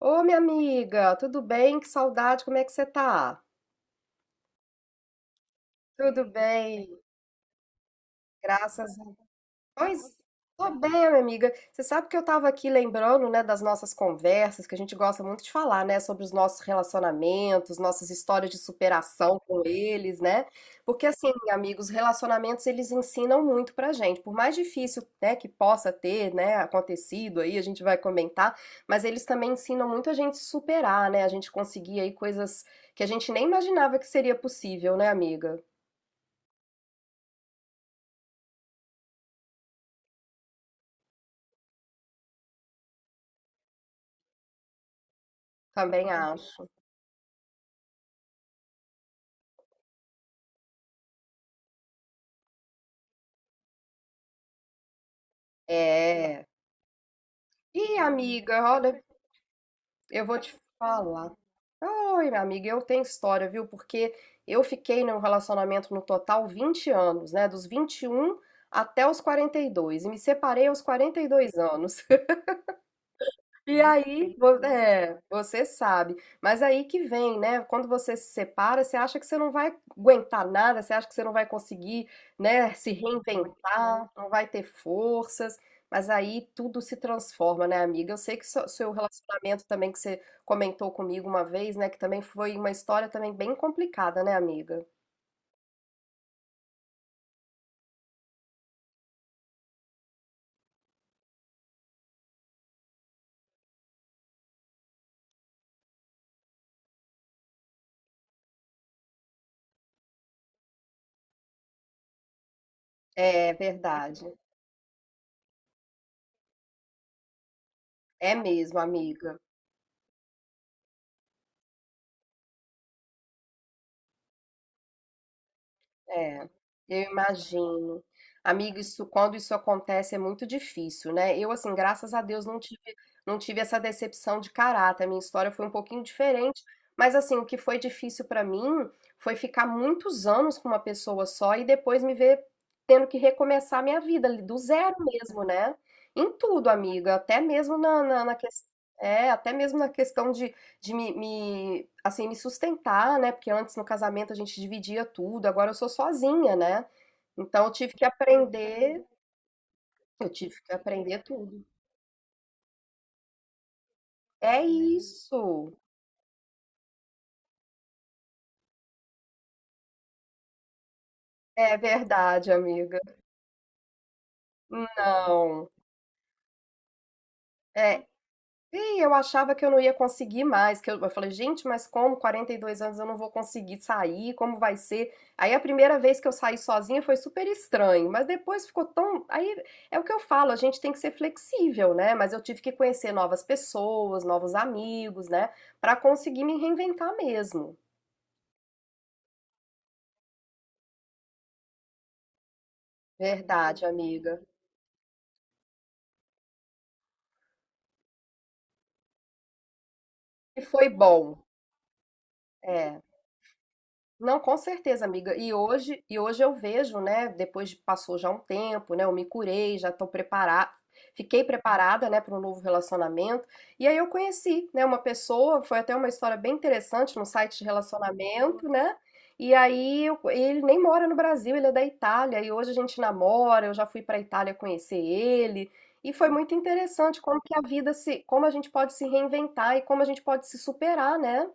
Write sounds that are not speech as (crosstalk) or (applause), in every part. Ô, minha amiga, tudo bem? Que saudade, como é que você tá? Tudo bem, graças pois, tô bem, minha amiga. Você sabe que eu tava aqui lembrando, né, das nossas conversas, que a gente gosta muito de falar, né, sobre os nossos relacionamentos, nossas histórias de superação com eles, né? Porque assim, amigos, relacionamentos eles ensinam muito pra gente. Por mais difícil, né, que possa ter, né, acontecido aí, a gente vai comentar, mas eles também ensinam muito a gente superar, né? A gente conseguir aí coisas que a gente nem imaginava que seria possível, né, amiga? Também acho. É. E amiga, olha, eu vou te falar. Ai, minha amiga, eu tenho história, viu? Porque eu fiquei num relacionamento no total 20 anos, né? Dos 21 até os 42. E me separei aos 42 anos. E aí, é, você sabe. Mas aí que vem, né? Quando você se separa, você acha que você não vai aguentar nada, você acha que você não vai conseguir, né, se reinventar, não vai ter forças. Mas aí tudo se transforma, né, amiga? Eu sei que seu relacionamento também que você comentou comigo uma vez, né, que também foi uma história também bem complicada, né, amiga? É verdade. É mesmo, amiga. É, eu imagino. Amigo, isso, quando isso acontece é muito difícil, né? Eu, assim, graças a Deus não tive essa decepção de caráter. A minha história foi um pouquinho diferente, mas, assim, o que foi difícil pra mim foi ficar muitos anos com uma pessoa só e depois me ver tendo que recomeçar a minha vida ali, do zero mesmo, né? Em tudo, amiga, até mesmo na questão. É, até mesmo na questão de assim, me sustentar, né? Porque antes no casamento a gente dividia tudo, agora eu sou sozinha, né? Então eu tive que aprender, eu tive que aprender tudo. É isso. É verdade, amiga. Não. É, e eu achava que eu não ia conseguir mais, que eu falei, gente, mas como 42 anos eu não vou conseguir sair, como vai ser? Aí a primeira vez que eu saí sozinha foi super estranho, mas depois ficou tão, aí é o que eu falo, a gente tem que ser flexível, né? Mas eu tive que conhecer novas pessoas, novos amigos, né, pra conseguir me reinventar mesmo. Verdade, amiga. E foi bom. É. Não, com certeza, amiga. E hoje eu vejo, né? Passou já um tempo, né? Eu me curei, já estou preparada, fiquei preparada, né, para um novo relacionamento. E aí eu conheci, né, uma pessoa, foi até uma história bem interessante num site de relacionamento, né? E aí ele nem mora no Brasil, ele é da Itália. E hoje a gente namora, eu já fui para a Itália conhecer ele. E foi muito interessante como que a vida se, como a gente pode se reinventar e como a gente pode se superar, né?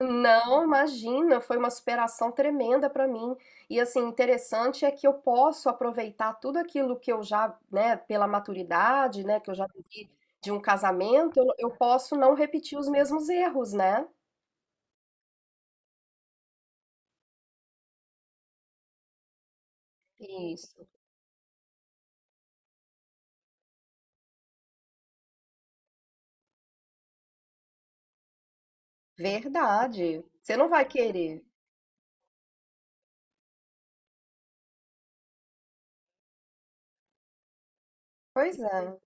Não, imagina, foi uma superação tremenda para mim. E assim, interessante é que eu posso aproveitar tudo aquilo que eu já, né, pela maturidade, né, que eu já vivi de um casamento, eu posso não repetir os mesmos erros, né? Isso. Verdade. Você não vai querer. Pois é.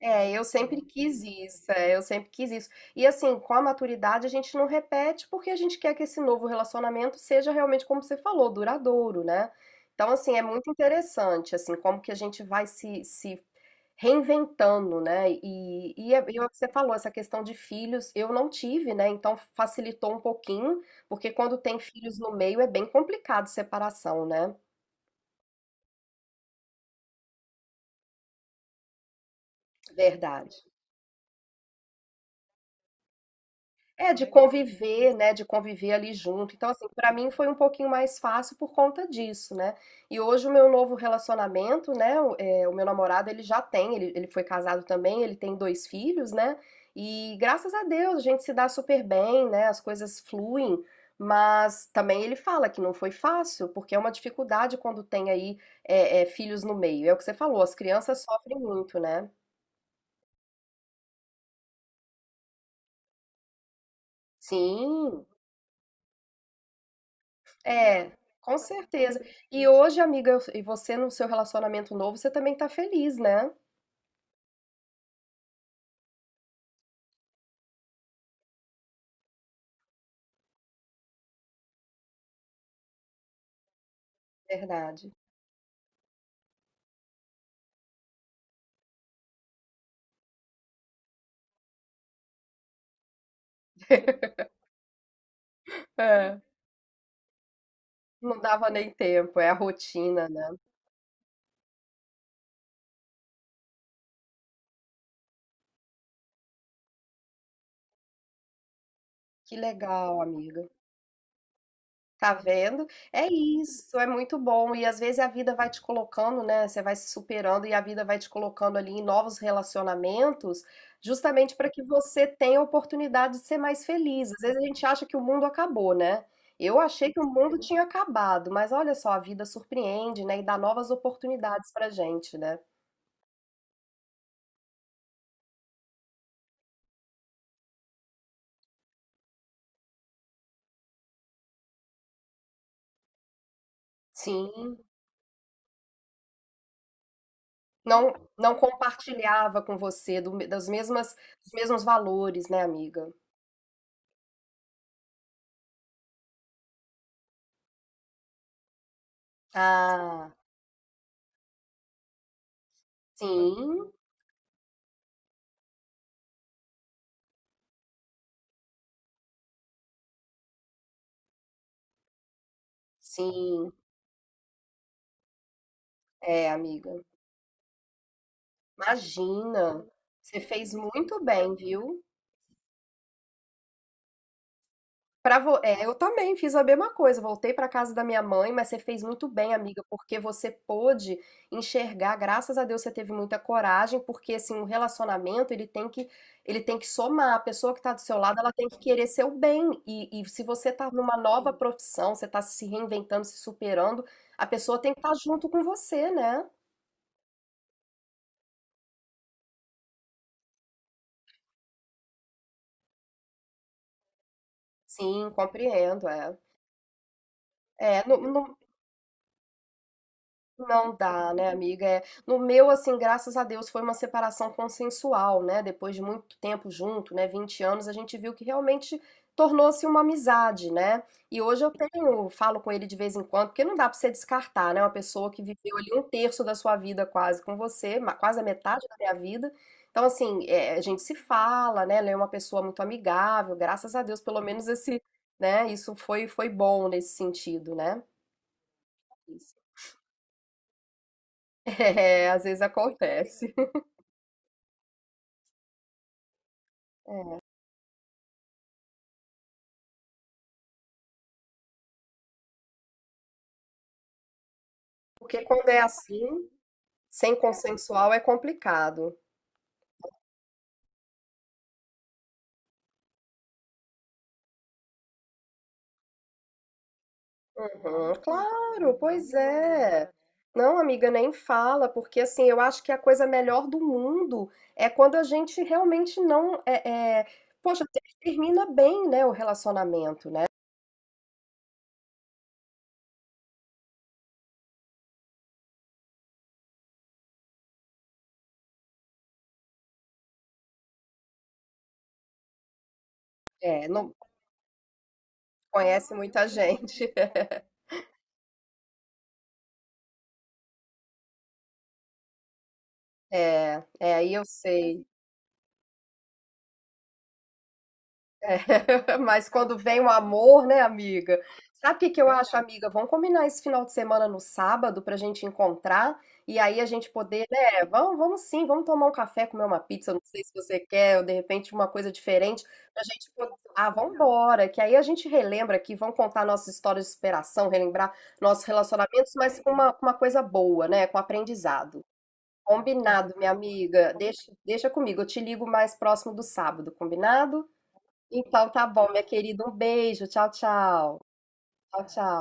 É, eu sempre quis isso, é, eu sempre quis isso. E assim, com a maturidade a gente não repete porque a gente quer que esse novo relacionamento seja realmente, como você falou, duradouro, né? Então, assim, é muito interessante, assim, como que a gente vai se reinventando, né? É o que você falou, essa questão de filhos, eu não tive, né? Então facilitou um pouquinho, porque quando tem filhos no meio é bem complicado separação, né? Verdade. É, de conviver, né? De conviver ali junto. Então, assim, pra mim foi um pouquinho mais fácil por conta disso, né? E hoje o meu novo relacionamento, né? O meu namorado, ele foi casado também, ele tem dois filhos, né? E graças a Deus a gente se dá super bem, né? As coisas fluem, mas também ele fala que não foi fácil, porque é uma dificuldade quando tem aí filhos no meio. É o que você falou, as crianças sofrem muito, né? Sim. É, com certeza. E hoje, amiga, e você no seu relacionamento novo, você também tá feliz, né? Verdade. (laughs) É, não dava nem tempo, é a rotina, né? Que legal, amiga. Tá vendo? É isso, é muito bom. E às vezes a vida vai te colocando, né? Você vai se superando e a vida vai te colocando ali em novos relacionamentos, justamente para que você tenha a oportunidade de ser mais feliz. Às vezes a gente acha que o mundo acabou, né? Eu achei que o mundo tinha acabado, mas olha só, a vida surpreende, né? E dá novas oportunidades pra gente, né? Sim, não compartilhava com você do, me- das mesmas, dos mesmos valores, né, amiga? Ah, sim, sim. É, amiga. Imagina. Você fez muito bem, viu? Eu também fiz a mesma coisa. Voltei para casa da minha mãe, mas você fez muito bem, amiga, porque você pôde enxergar. Graças a Deus você teve muita coragem, porque assim, o relacionamento, ele tem que somar. A pessoa que está do seu lado, ela tem que querer seu bem. Se você está numa nova profissão, você está se reinventando, se superando, a pessoa tem que estar junto com você, né? Sim, compreendo, é. É, não dá, né, amiga? É, no meu, assim, graças a Deus, foi uma separação consensual, né? Depois de muito tempo junto, né? 20 anos, a gente viu que realmente tornou-se uma amizade, né? E hoje eu tenho, falo com ele de vez em quando, porque não dá pra você descartar, né? Uma pessoa que viveu ali um terço da sua vida quase com você, quase a metade da minha vida. Então, assim, é, a gente se fala, né? Ela é uma pessoa muito amigável, graças a Deus, pelo menos esse, né? Isso foi bom nesse sentido, né? É, às vezes acontece. Porque quando é assim, sem consensual é complicado. Uhum, claro, pois é. Não, amiga, nem fala, porque assim, eu acho que a coisa melhor do mundo é quando a gente realmente não é, é- poxa, termina bem, né, o relacionamento, né? É, não conhece muita gente. (laughs) É, é, aí eu sei. É, (laughs) mas quando vem o amor, né, amiga? Sabe o que que eu acho, amiga? Vamos combinar esse final de semana no sábado pra gente encontrar e aí a gente poder, né? Vamos, vamos sim, vamos tomar um café, comer uma pizza. Eu não sei se você quer, ou de repente uma coisa diferente pra gente poder. Ah, vamos embora, que aí a gente relembra aqui, vamos contar nossas histórias de superação, relembrar nossos relacionamentos, mas com uma coisa boa, né? Com aprendizado. Combinado, minha amiga. Deixa, deixa comigo, eu te ligo mais próximo do sábado, combinado? Então tá bom, minha querida. Um beijo. Tchau, tchau. Tchau, tchau.